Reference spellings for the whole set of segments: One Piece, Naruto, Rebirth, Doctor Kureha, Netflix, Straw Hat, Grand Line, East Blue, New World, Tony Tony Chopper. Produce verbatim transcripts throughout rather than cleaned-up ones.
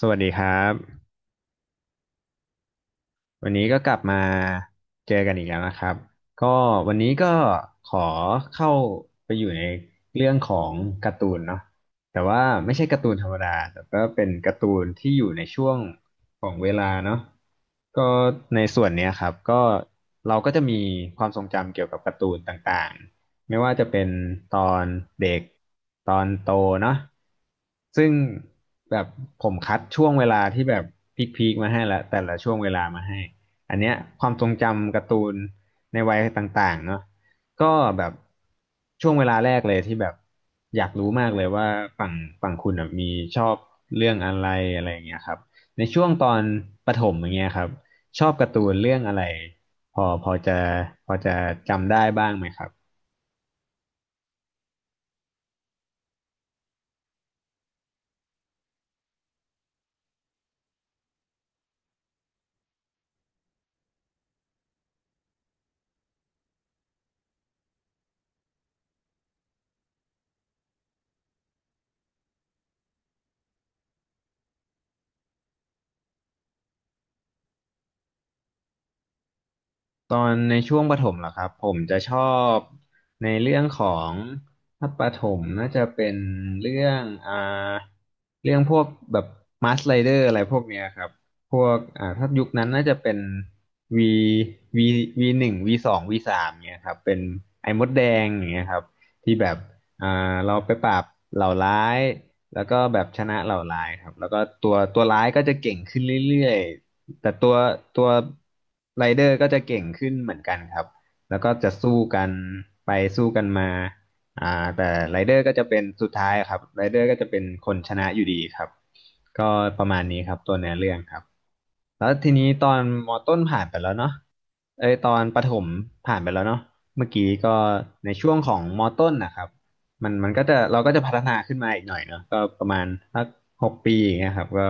สวัสดีครับวันนี้ก็กลับมาเจอกันอีกแล้วนะครับก็วันนี้ก็ขอเข้าไปอยู่ในเรื่องของการ์ตูนเนาะแต่ว่าไม่ใช่การ์ตูนธรรมดาแต่ก็เป็นการ์ตูนที่อยู่ในช่วงของเวลาเนาะก็ในส่วนเนี้ยครับก็เราก็จะมีความทรงจำเกี่ยวกับการ์ตูนต่าง ไม่ว่าจะเป็นตอนเด็กตอนโตเนาะซึ่งแบบผมคัดช่วงเวลาที่แบบพีคๆมาให้แล้วแต่ละช่วงเวลามาให้อันเนี้ยความทรงจำการ์ตูนในวัยต่างๆเนาะก็แบบช่วงเวลาแรกเลยที่แบบอยากรู้มากเลยว่าฝั่งฝั่งคุณอะมีชอบเรื่องอะไรอะไรอย่างเงี้ยครับในช่วงตอนประถมอย่างเงี้ยครับชอบการ์ตูนเรื่องอะไรพอพอจะพอจะจำได้บ้างไหมครับ ตอนในช่วงประถมเหรอครับผมจะชอบในเรื่องของถ้าประถมน่าจะเป็นเรื่องอ่าเรื่องพวกแบบมาสไลเดอร์อะไรพวกเนี้ยครับพวกอ่าถ้ายุคนั้นน่าจะเป็น V V วี หนึ่ง วี สอง วี สามเนี่ยครับเป็นไอ้มดแดงอย่างเงี้ยครับที่แบบอ่าเราไปปราบเหล่าร้ายแล้วก็แบบชนะเหล่าร้ายครับแล้วก็ตัวตัวร้ายก็จะเก่งขึ้นเรื่อยๆ แต่ตัวตัวไรเดอร์ก็จะเก่งขึ้นเหมือนกันครับแล้วก็จะสู้กันไปสู้กันมาอ่าแต่ไรเดอร์ก็จะเป็นสุดท้ายครับไรเดอร์ก็จะเป็นคนชนะอยู่ดีครับก็ประมาณนี้ครับตัวเนื้อเรื่องครับแล้วทีนี้ตอนมอต้นผ่านไปแล้วเนาะเอ้ยตอนประถมผ่านไปแล้วเนาะเมื่อกี้ก็ในช่วงของมอต้นนะครับมันมันก็จะเราก็จะพัฒนาขึ้นมาอีกหน่อยเนาะก็ประมาณสักหกปีอย่างเงี้ยครับก็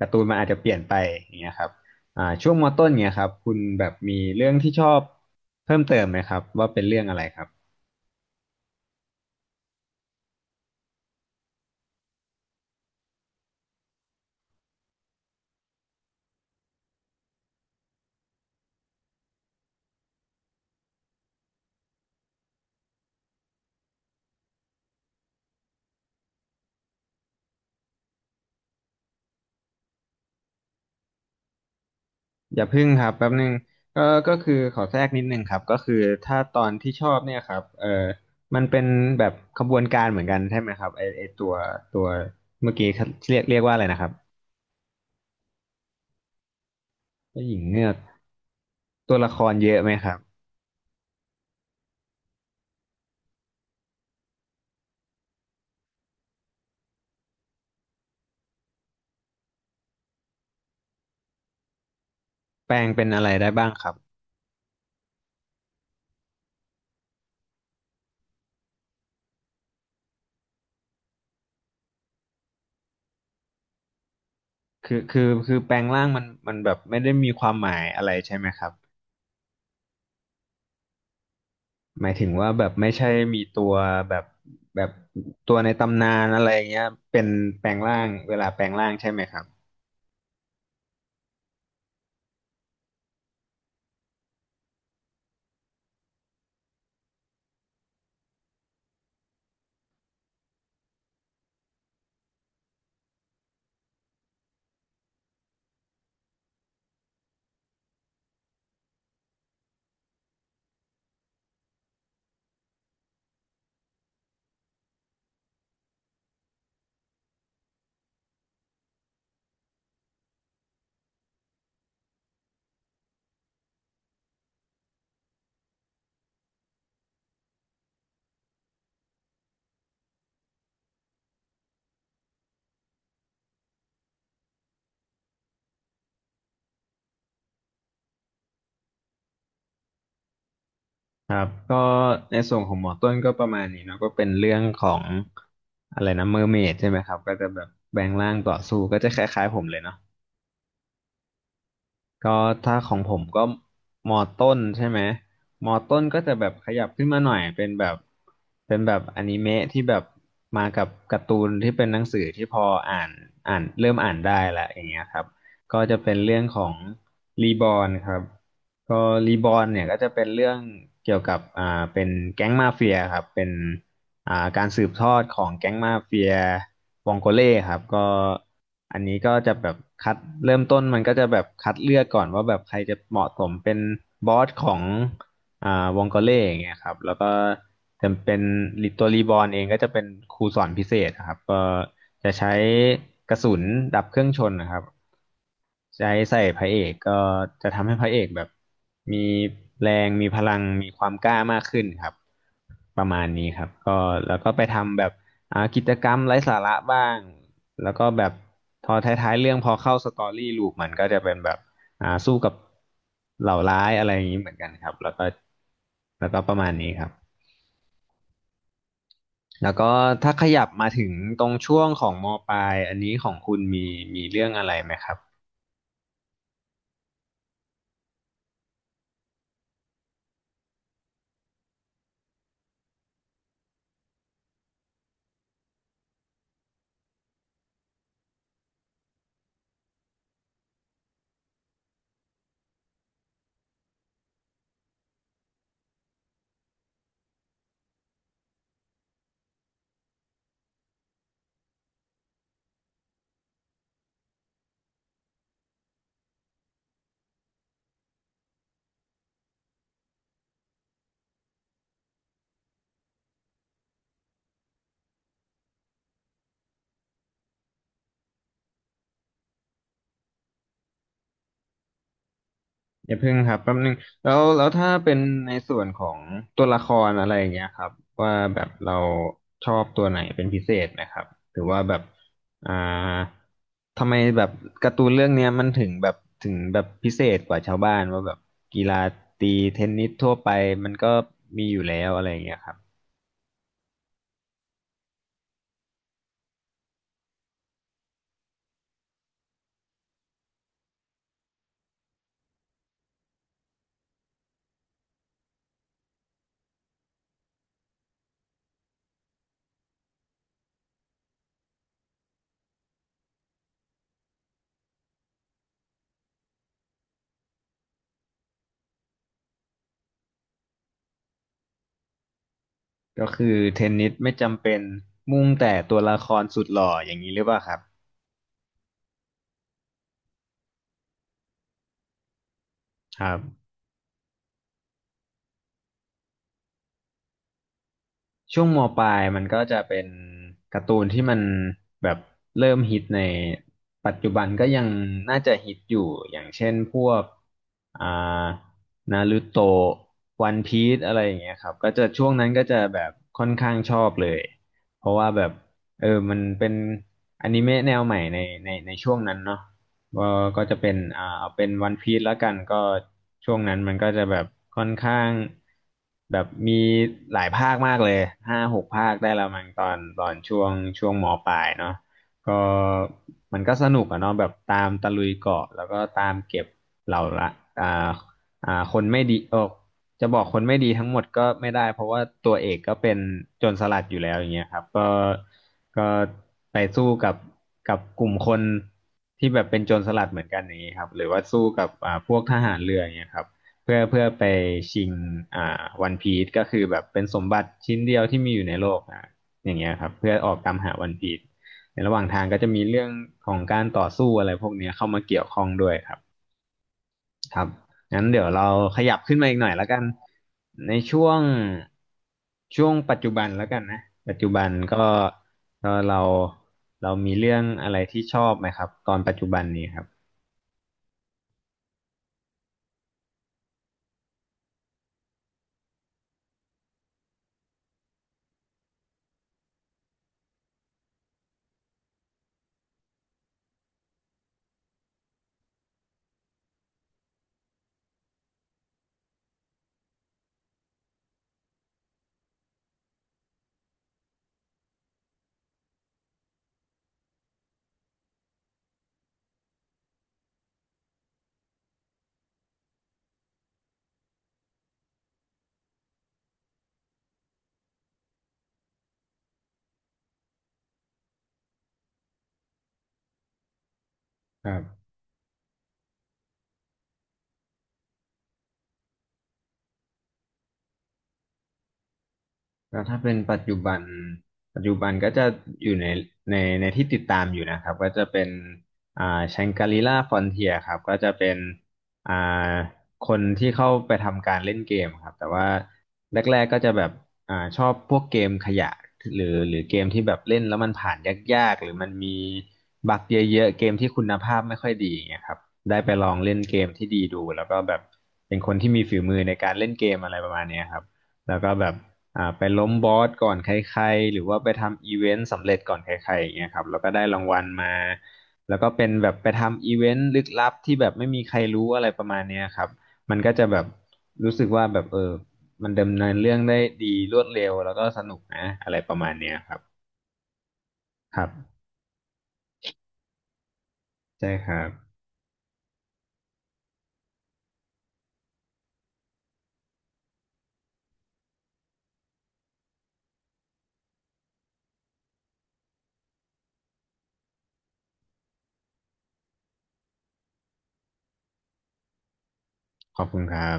การ์ตูนมันอาจจะเปลี่ยนไปอย่างเงี้ยครับ อ่าช่วงมต้นเงียครับคุณแบบมีเรื่องที่ชอบเพิ่มเติมไหมครับว่าเป็นเรื่องอะไรครับอย่าพึ่งครับแป๊บนึงก็ก็คือขอแทรกนิดนึงครับก็คือถ้าตอนที่ชอบเนี่ยครับเออมันเป็นแบบขบวนการเหมือนกันใช่ไหมครับไอไอตัวตัวเมื่อกี้เรียกเรียกว่าอะไรนะครับเจ้าหญิงเงือกตัวละครเยอะไหมครับแปลงเป็นอะไรได้บ้างครับคือคือคือแปลงร่างมันมันแบบไม่ได้มีความหมายอะไรใช่ไหมครับ หมายถึงว่าแบบไม่ใช่มีตัวแบบแบบตัวในตำนานอะไรเงี้ยเป็นแปลงร่างเวลาแปลงร่างใช่ไหมครับครับก็ในส่วนของหมอต้นก็ประมาณนี้เนาะก็เป็นเรื่องของอะไรนะเมอร์เมดใช่ไหมครับก็จะแบบแปลงร่างต่อสู้ก็จะคล้ายๆผมเลยเนาะ ก็ถ้าของผมก็มอต้นใช่ไหมมอต้นก็จะแบบขยับขึ้นมาหน่อยเป็นแบบเป็นแบบอนิเมะที่แบบมากับการ์ตูนที่เป็นหนังสือที่พออ่านอ่านเริ่มอ่านได้ละอย่างเงี้ยครับก็จะเป็นเรื่องของรีบอ n ครับก็รีบอ n เนี่ยก็จะเป็นเรื่องเกี่ยวกับอ่าเป็นแก๊งมาเฟียครับเป็น อ่าการสืบทอดของแก๊งมาเฟียวองโกเล่ครับก็อันนี้ก็จะแบบคัดเริ่มต้นมันก็จะแบบคัดเลือกก่อนว่าแบบใครจะเหมาะสมเป็นบอสของอ่าวองโกเล่อย่างเงี้ยครับแล้วก็จะเป็นตัวรีบอร์นเองก็จะเป็นครูสอนพิเศษนะครับก็จะใช้กระสุนดับเครื่องชนนะครับใช้ใส่พระเอกก็จะทำให้พระเอกแบบมีแรงมีพลังมีความกล้ามากขึ้นครับ ประมาณนี้ครับก็แล้วก็ไปทำแบบอ่ากิจกรรมไร้สาระบ้างแล้วก็แบบพอท้ายๆเรื่องพอเข้าสตอรี่ลูปมันก็จะเป็นแบบอ่าสู้กับเหล่าร้ายอะไรอย่างนี้เหมือนกันครับแล้วก็แล้วก็ประมาณนี้ครับแล้วก็ถ้าขยับมาถึงตรงช่วงของมปลายอันนี้ของคุณมีมีเรื่องอะไรไหมครับ อย่าเพิ่งครับแป๊บนึงแล้วแล้วถ้าเป็นในส่วนของตัวละครอะไรอย่างเงี้ยครับว่าแบบเราชอบตัวไหนเป็นพิเศษไหมครับหรือว่าแบบอ่าทำไมแบบการ์ตูนเรื่องเนี้ยมันถึงแบบถึงแบบพิเศษกว่าชาวบ้านว่าแบบกีฬาตีเทนนิสทั่วไปมันก็มีอยู่แล้วอะไรอย่างเงี้ยครับก็คือเทนนิสไม่จำเป็นมุ่งแต่ตัวละครสุดหล่ออย่างนี้หรือเปล่าครับครับ ช่วงมปลายมันก็จะเป็นการ์ตูนที่มันแบบเริ่มฮิตในปัจจุบันก็ยังน่าจะฮิตอยู่อย่างเช่นพวกอ่านารูโตะวันพีซอะไรอย่างเงี้ยครับก็จะช่วงนั้นก็จะแบบค่อนข้างชอบเลยเพราะว่าแบบเออมันเป็นอนิเมะแนวใหม่ในในในช่วงนั้นเนาะ ก็ก็จะเป็นอ่าเอาเป็นวันพีซแล้วกันก็ช่วงนั้นมันก็จะแบบค่อนข้างแบบมีหลายภาคมากเลยห้าหกภาคได้ละมั้งตอนตอนช่วงช่วงมปลายเนาะก็มันก็สนุกอะเนาะแบบตามตะลุยเกาะแล้วก็ตามเก็บเหล่าละอ่าอ่าคนไม่ดีเออ จะบอกคนไม่ดีทั้งหมดก็ไม่ได้เพราะว่าตัวเอกก็เป็นโจรสลัดอยู่แล้วอย่างเงี้ยครับก็ก็ไปสู้กับกับกลุ่มคนที่แบบเป็นโจรสลัดเหมือนกันอย่างนี้ครับหรือว่าสู้กับอ่าพวกทหารเรืออย่างเงี้ยครับเพื่อเพื่อไปชิงอ่าวันพีซก็คือแบบเป็นสมบัติชิ้นเดียวที่มีอยู่ในโลกนะอย่างเงี้ยครับเพื่อออกตามหาวันพีซในระหว่างทางก็จะมีเรื่องของการต่อสู้อะไรพวกเนี้ยเข้ามาเกี่ยวข้องด้วยครับ ครับ งั้นเดี๋ยวเราขยับขึ้นมาอีกหน่อยแล้วกัน ในช่วงช่วงปัจจุบันแล้วกันนะ ปัจจุบันก็ก็เราเรามีเรื่องอะไรที่ชอบไหมครับตอนปัจจุบันนี้ครับครับ แล้วถ้าเป็นปัจจุบันปัจจุบันก็จะอยู่ในในในที่ติดตามอยู่นะครับก็จะเป็นอ่าแชงกรีล่าฟอนเทียครับก็จะเป็นอ่าคนที่เข้าไปทำการเล่นเกมครับแต่ว่าแรกๆก็จะแบบอ่าชอบพวกเกมขยะหรือหรือเกมที่แบบเล่นแล้วมันผ่านยากๆหรือมันมีบั๊กเยอะๆเกมที่คุณภาพไม่ค่อยดีอย่างเงี้ยครับได้ไปลองเล่นเกมที่ดีดูแล้วก็แบบเป็นคนที่มีฝีมือในการเล่นเกมอะไรประมาณเนี้ยครับแล้วก็แบบ อ่าไปล้มบอสก่อนใครๆหรือว่าไปทำอีเวนต์สำเร็จก่อนใครๆอย่างเงี้ยครับแล้วก็ได้รางวัลมาแล้วก็เป็นแบบไปทำอีเวนต์ลึกลับที่แบบไม่มีใครรู้อะไรประมาณเนี้ยครับมันก็จะแบบรู้สึกว่าแบบเออมันดำเนินเรื่องได้ดีรวดเร็วแล้วก็สนุกนะอะไรประมาณเนี้ยครับครับใช่ครับขอบคุณครับ